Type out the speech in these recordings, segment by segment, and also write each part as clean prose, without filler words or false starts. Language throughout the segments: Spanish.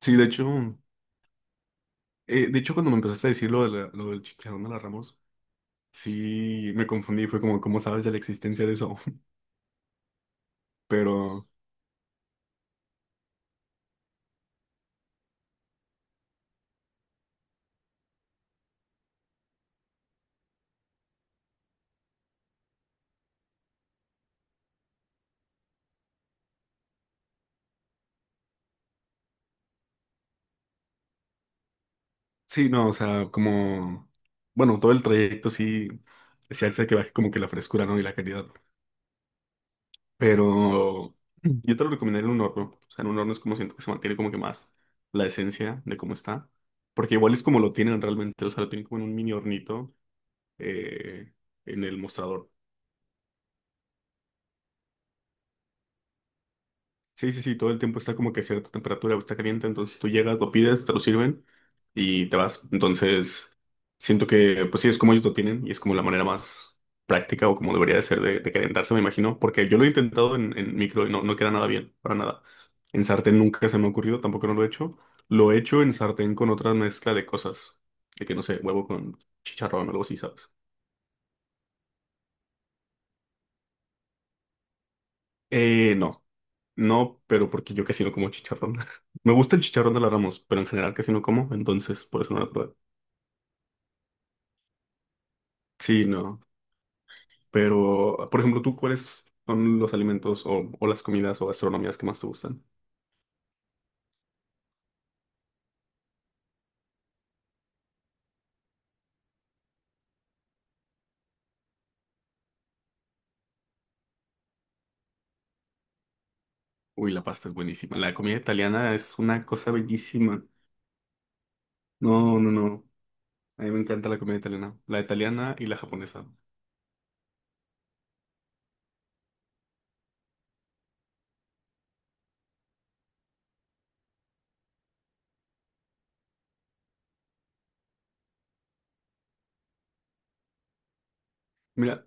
Sí, de hecho cuando me empezaste a decir lo del chicharrón de la Ramos, sí me confundí, fue como, ¿cómo sabes de la existencia de eso? Pero sí, no, o sea, como, bueno, todo el trayecto sí, sí hace que baje como que la frescura, ¿no? Y la calidad. Pero yo te lo recomendaría en un horno, o sea, en un horno es como siento que se mantiene como que más la esencia de cómo está, porque igual es como lo tienen realmente, o sea, lo tienen como en un mini hornito eh, en el mostrador. Sí, sí, sí, todo el tiempo está como que a cierta temperatura, está caliente, entonces tú llegas, lo pides, te lo sirven y te vas. Entonces, siento que, pues sí, es como ellos lo tienen y es como la manera más práctica o como debería de ser de calentarse, me imagino, porque yo lo he intentado en micro y no, no queda nada bien, para nada. En sartén nunca se me ha ocurrido, tampoco no lo he hecho. Lo he hecho en sartén con otra mezcla de cosas, de que no sé, huevo con chicharrón o algo así, ¿sabes? No. No, pero porque yo casi no como chicharrón. Me gusta el chicharrón de la Ramos, pero en general casi no como, entonces por eso no lo probé. Sí, no. Pero, por ejemplo, ¿tú cuáles son los alimentos o las comidas o gastronomías que más te gustan? Uy, la pasta es buenísima. La comida italiana es una cosa bellísima. No, no, no. A mí me encanta la comida italiana. La italiana y la japonesa. Mira,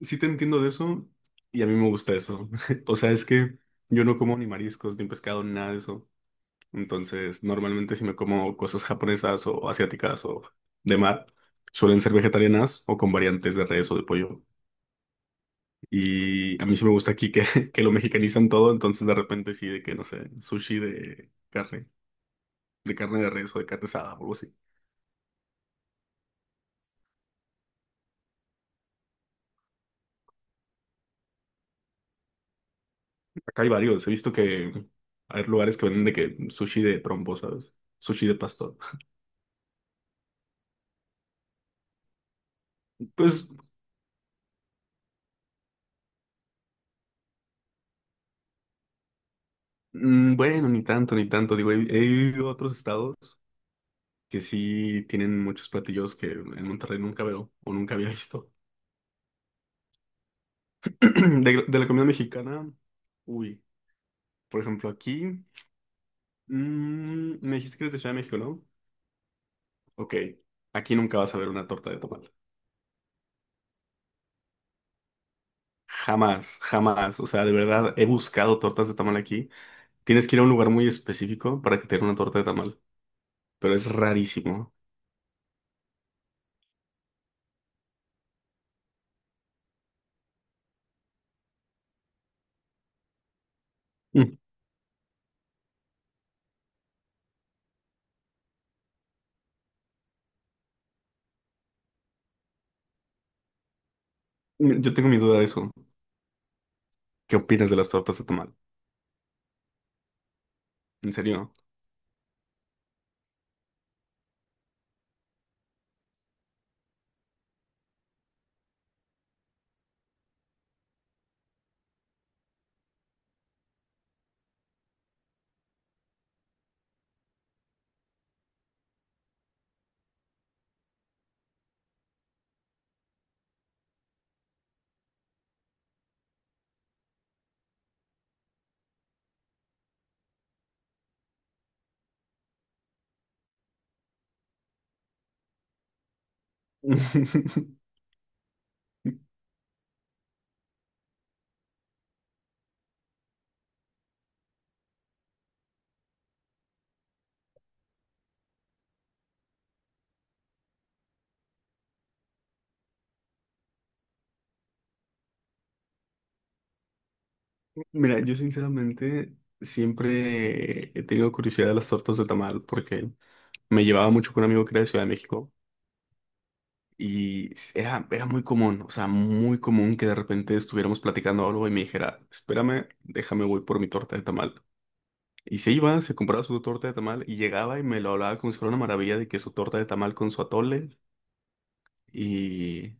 sí te entiendo de eso y a mí me gusta eso. O sea, es que yo no como ni mariscos, ni pescado, ni nada de eso. Entonces, normalmente si me como cosas japonesas o asiáticas o de mar, suelen ser vegetarianas o con variantes de res o de pollo. Y a mí sí me gusta aquí que, que lo mexicanizan todo, entonces de repente sí, de que no sé, sushi de carne, de carne de res o de carne asada o algo así. Acá hay varios, he visto que hay lugares que venden de que sushi de trompo, ¿sabes? Sushi de pastor. Pues mm, bueno, ni tanto, ni tanto. Digo, he ido a otros estados que sí tienen muchos platillos que en Monterrey nunca veo o nunca había visto. De la comida mexicana, uy, por ejemplo, aquí, mm, me dijiste que eres de Ciudad de México, ¿no? Ok, aquí nunca vas a ver una torta de tamal. Jamás, jamás. O sea, de verdad, he buscado tortas de tamal aquí. Tienes que ir a un lugar muy específico para que te den una torta de tamal, pero es rarísimo. Mm, yo tengo mi duda de eso. ¿Qué opinas de las tortas de tamal? ¿En serio? Mira, yo sinceramente siempre he tenido curiosidad de las tortas de tamal porque me llevaba mucho con un amigo que era de Ciudad de México y era muy común, o sea, muy común que de repente estuviéramos platicando algo y me dijera, espérame, déjame voy por mi torta de tamal. Y se iba, se compraba su torta de tamal y llegaba y me lo hablaba como si fuera una maravilla de que su torta de tamal con su atole y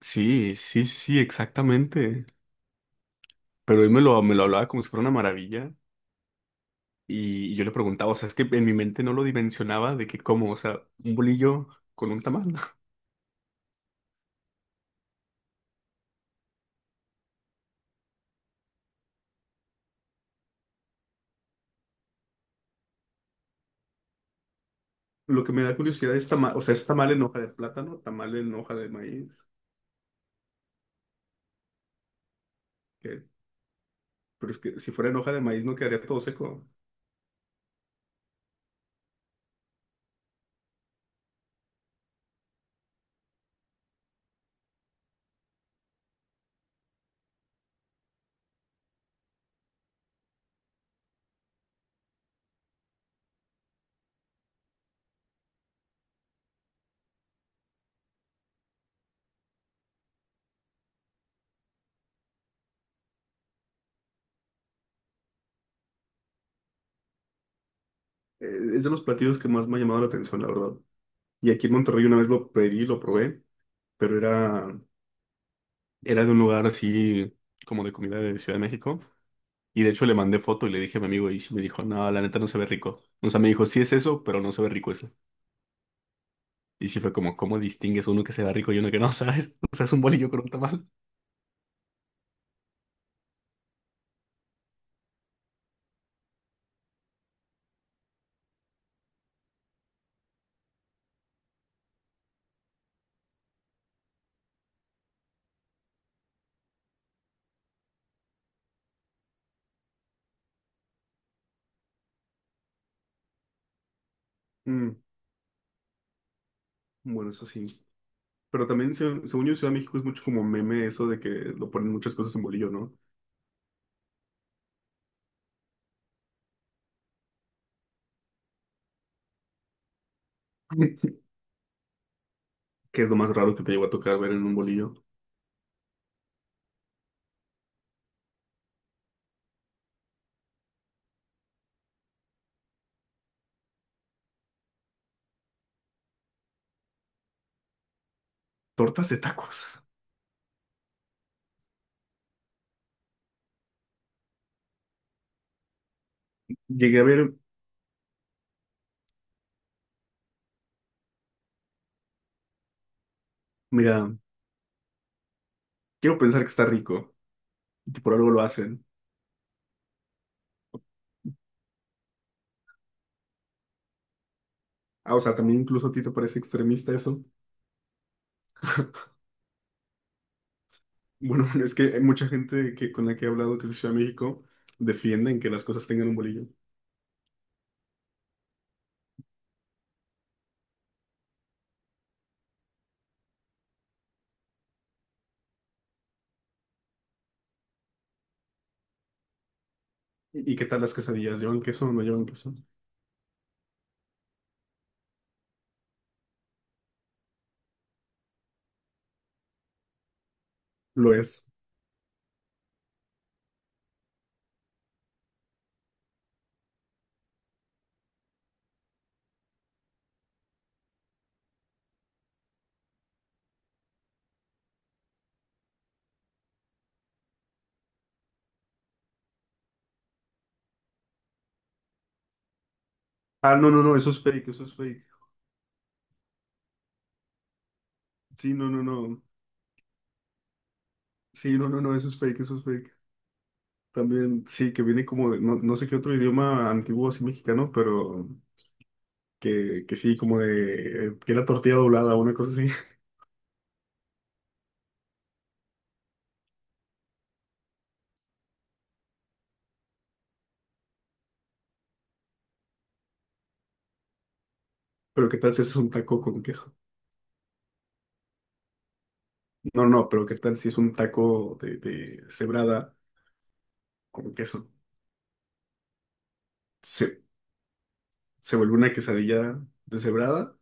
sí, sí, sí, sí, exactamente. Pero él me lo hablaba como si fuera una maravilla. Y yo le preguntaba, o sea, es que en mi mente no lo dimensionaba de que cómo, o sea, un bolillo con un tamal. Lo que me da curiosidad es tamal, o sea, es tamal en hoja de plátano, tamal en hoja de maíz. que- Pero es que si fuera en hoja de maíz no quedaría todo seco. Es de los platillos que más me ha llamado la atención, la verdad. Y aquí en Monterrey una vez lo pedí, lo probé, pero era de un lugar así como de comida de Ciudad de México. Y de hecho le mandé foto y le dije a mi amigo y sí me dijo, no, la neta no se ve rico. O sea, me dijo, sí es eso, pero no se ve rico. Y sí fue como, ¿cómo distingues uno que se va rico y uno que no, sabes? O sea, es un bolillo con un tamal. Mm, bueno, eso sí. Pero también, según yo, Ciudad de México es mucho como meme eso de que lo ponen muchas cosas en bolillo, ¿no? Que es lo más raro que te llegó a tocar ver en un bolillo. Tortas de tacos. Llegué a ver, mira, quiero pensar que está rico. Y que Por algo lo hacen. Ah, o sea, también incluso a ti te parece extremista eso. Bueno, es que hay mucha gente que, con la que he hablado que es de Ciudad de México, defienden que las cosas tengan un bolillo. Y qué tal las quesadillas? ¿Llevan queso o no llevan queso? Lo es. Ah, no, no, no, eso es fake, eso es fake. Sí, no, no, no. Sí, no, no, no, eso es fake, eso es fake. También, sí, que viene como de, no, no sé qué otro idioma antiguo así mexicano, pero que sí, como de, que era tortilla doblada o una cosa así. Pero qué tal si es un taco con queso. No, no, pero qué tal si es un taco de cebrada con queso. Se, se vuelve una quesadilla deshebrada.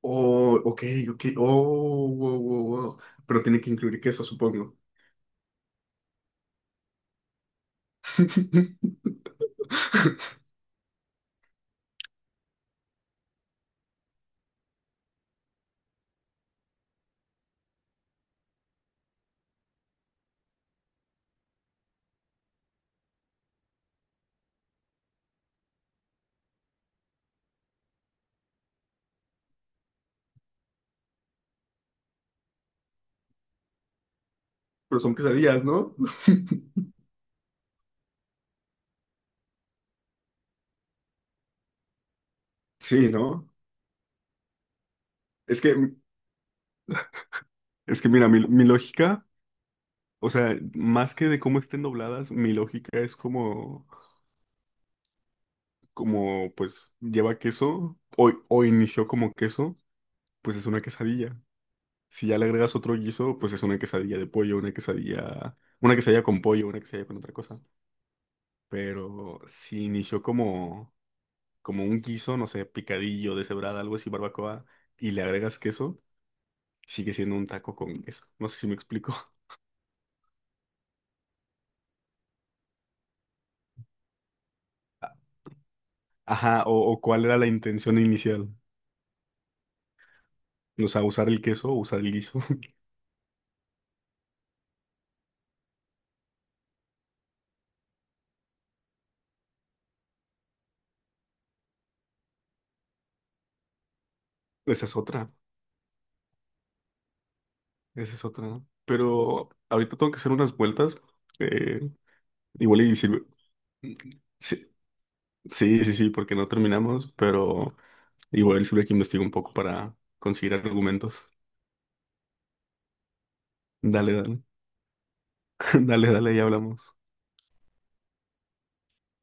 Oh, ok, ok. Oh, wow, wow, wow. Pero tiene que incluir queso, supongo. Pero son quesadillas, ¿no? Sí, ¿no? Es que, es que mira, mi lógica, o sea, más que de cómo estén dobladas, mi lógica es como, como pues lleva queso o inició como queso, pues es una quesadilla. Si ya le agregas otro guiso, pues es una quesadilla de pollo, una quesadilla con pollo, una quesadilla con otra cosa. Pero si inició como, como un guiso, no sé, picadillo, deshebrada, algo así, barbacoa, y le agregas queso, sigue siendo un taco con queso. No sé si me explico. Ajá, o cuál era la intención inicial. O sea, usar el queso o usar el guiso. Esa es otra, esa es otra. ¿No? Pero ahorita tengo que hacer unas vueltas. eh, igual y sirve- Sí, sí, sí, sí, porque no terminamos, pero igual sirve que investigo un poco para conseguir argumentos. Dale, dale, dale, dale, ya hablamos.